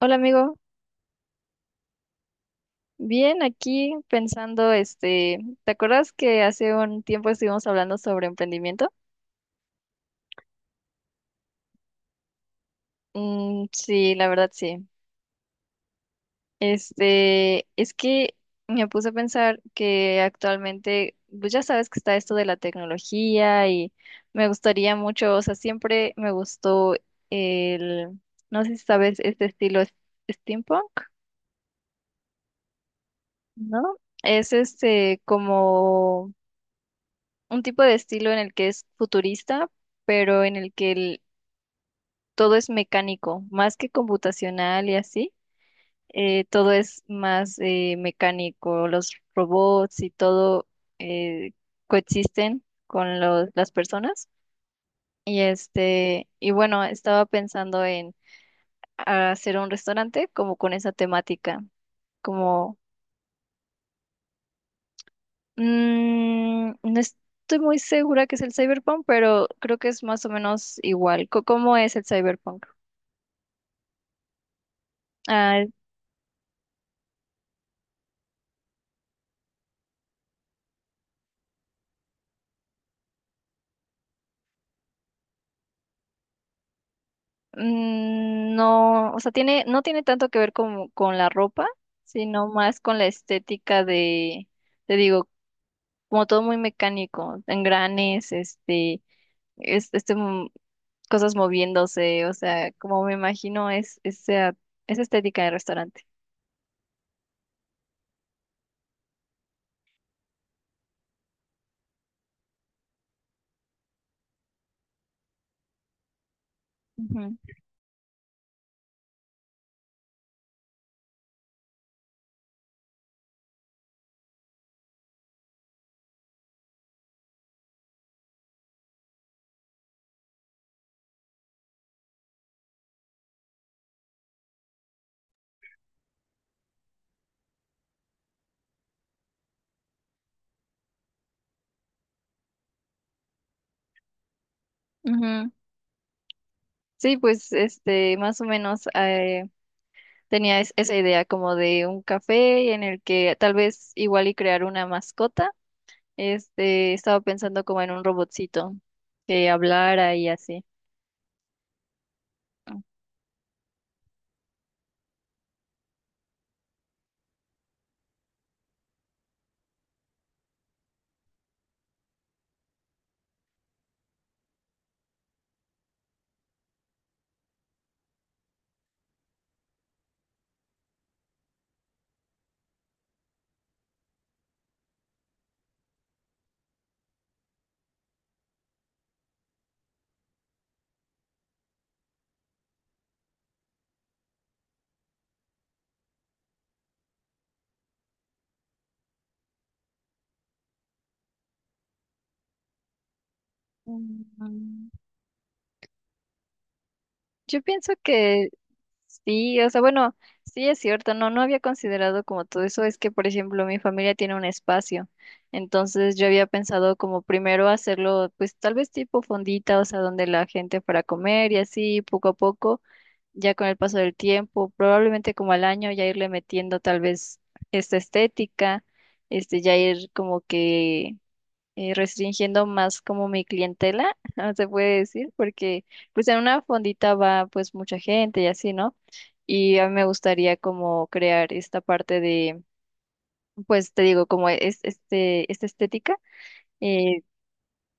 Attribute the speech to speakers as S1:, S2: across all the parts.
S1: Hola amigo, bien aquí pensando, ¿te acuerdas que hace un tiempo estuvimos hablando sobre emprendimiento? Mm, sí, la verdad sí. Es que me puse a pensar que actualmente, pues ya sabes que está esto de la tecnología y me gustaría mucho, o sea, siempre me gustó el, no sé si sabes este estilo steampunk, ¿no? Es este como un tipo de estilo en el que es futurista, pero en el que todo es mecánico, más que computacional y así. Todo es más mecánico, los robots y todo eh, coexisten con las personas. Y y bueno, estaba pensando en hacer un restaurante como con esa temática, como. Mm, no estoy muy segura que es el cyberpunk, pero creo que es más o menos igual. ¿Cómo es el cyberpunk? Ah, mm, no, o sea, tiene, no tiene tanto que ver con la ropa, sino más con la estética de, te digo, como todo muy mecánico, engranes, es- este, mm, cosas moviéndose, o sea, como me imagino es esa, esa estética de restaurante. Ujú, ujú. Sí, pues, más o menos. Tenía esa idea como de un café en el que tal vez igual y crear una mascota. Estaba pensando como en un robotcito que hablara y así. Mm. Yo pienso que sí, o sea, bueno, sí es cierto, no, no había considerado como todo eso, es que, por ejemplo, mi familia tiene un espacio, entonces yo había pensado como primero hacerlo, pues tal vez tipo fondita, o sea, donde la gente para comer y así, poco a poco, ya con el paso del tiempo, probablemente como al año ya irle metiendo tal vez esta estética, ya ir como que restringiendo más como mi clientela, ah, se puede decir, porque pues en una fondita va pues mucha gente y así, ¿no? Y a mí me gustaría como crear esta parte de, pues te digo, como es, esta estética. eh,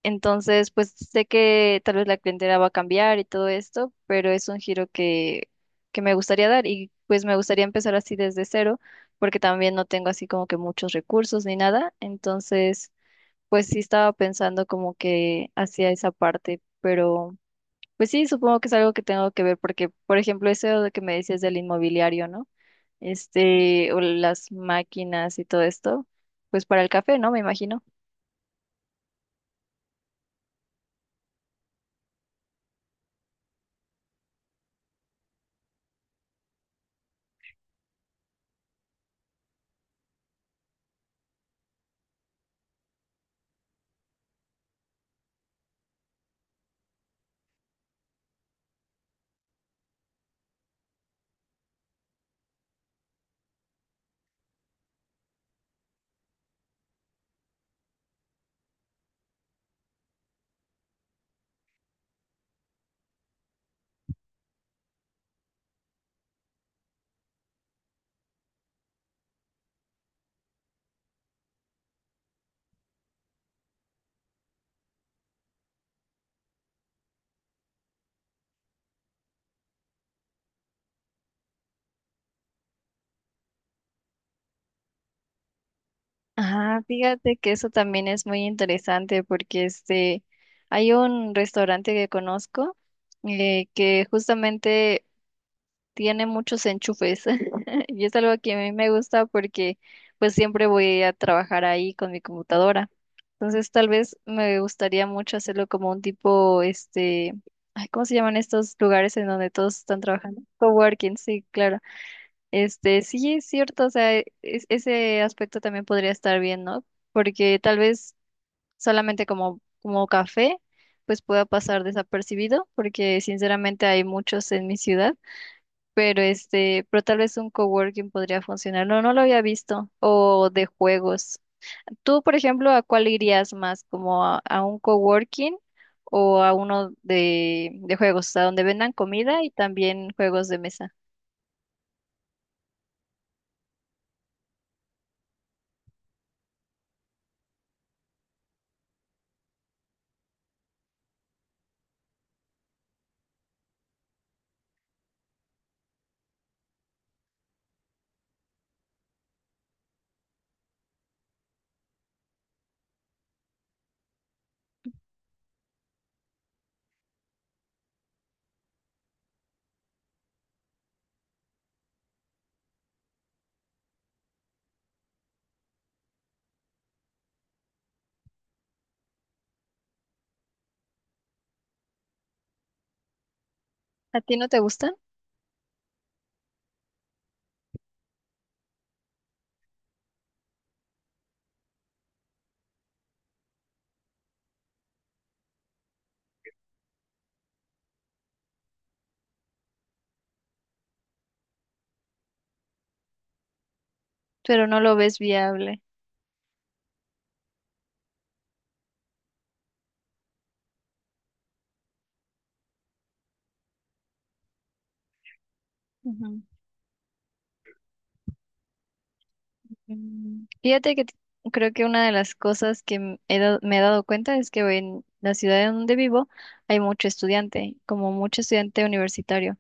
S1: entonces, pues sé que tal vez la clientela va a cambiar y todo esto, pero es un giro que me gustaría dar y pues me gustaría empezar así desde cero, porque también no tengo así como que muchos recursos ni nada. Entonces, pues sí estaba pensando como que hacía esa parte, pero pues sí, supongo que es algo que tengo que ver porque, por ejemplo, eso de que me decías del inmobiliario, ¿no? O las máquinas y todo esto, pues para el café, ¿no? Me imagino. Ah, fíjate que eso también es muy interesante porque hay un restaurante que conozco que justamente tiene muchos enchufes y es algo que a mí me gusta porque pues siempre voy a trabajar ahí con mi computadora. Entonces tal vez me gustaría mucho hacerlo como un tipo, ay, ¿cómo se llaman estos lugares en donde todos están trabajando? Coworking, sí, claro. Sí, es cierto, o sea, ese aspecto también podría estar bien, ¿no? Porque tal vez solamente como, como café, pues pueda pasar desapercibido, porque sinceramente hay muchos en mi ciudad pero pero tal vez un coworking podría funcionar. No, no lo había visto. O de juegos. Tú, por ejemplo, ¿a cuál irías más? ¿Como a un coworking o a uno de juegos, a donde vendan comida y también juegos de mesa? ¿A ti no te gustan? Pero no lo ves viable. Mm, fíjate que creo que una de las cosas que me he dado cuenta es que en la ciudad en donde vivo hay mucho estudiante, como mucho estudiante universitario.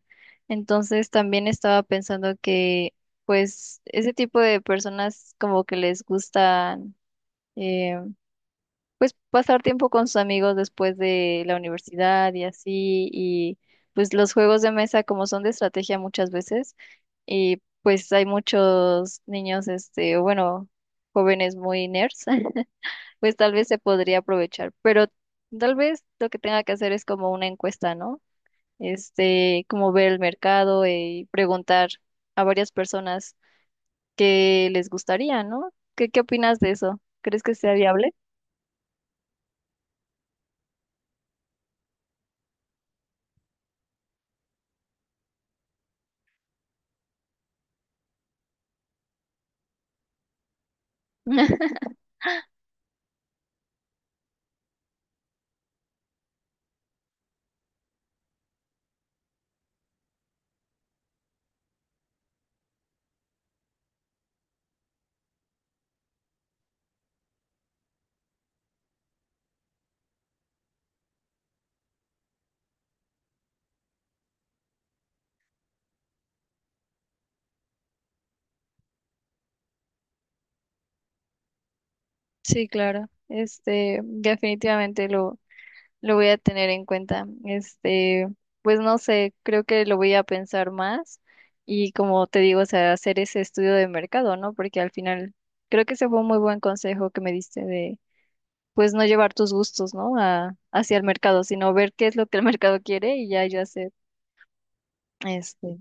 S1: Entonces también estaba pensando que pues ese tipo de personas como que les gusta pues pasar tiempo con sus amigos después de la universidad y así, y pues los juegos de mesa como son de estrategia muchas veces, y pues hay muchos niños, o bueno, jóvenes muy nerds, pues tal vez se podría aprovechar, pero tal vez lo que tenga que hacer es como una encuesta, ¿no? Como ver el mercado y preguntar a varias personas qué les gustaría, ¿no? ¿Qué, qué opinas de eso? ¿Crees que sea viable? Sí, claro. Definitivamente lo voy a tener en cuenta. Pues no sé, creo que lo voy a pensar más y como te digo, o sea, hacer ese estudio de mercado, ¿no? Porque al final creo que ese fue un muy buen consejo que me diste de, pues no llevar tus gustos, ¿no? A, hacia el mercado, sino ver qué es lo que el mercado quiere y ya yo hacer. Este,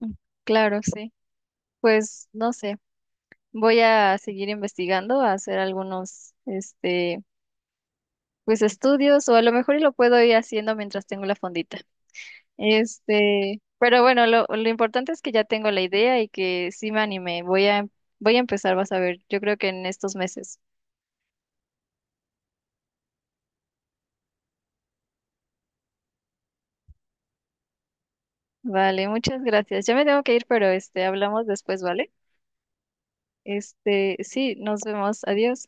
S1: mm, claro, sí. Pues no sé, voy a seguir investigando, a hacer algunos, pues estudios o a lo mejor y lo puedo ir haciendo mientras tengo la fondita. Pero bueno, lo importante es que ya tengo la idea y que sí me animé. Voy a, voy a empezar, vas a ver, yo creo que en estos meses. Vale, muchas gracias. Ya me tengo que ir, pero hablamos después, ¿vale? Sí, nos vemos. Adiós.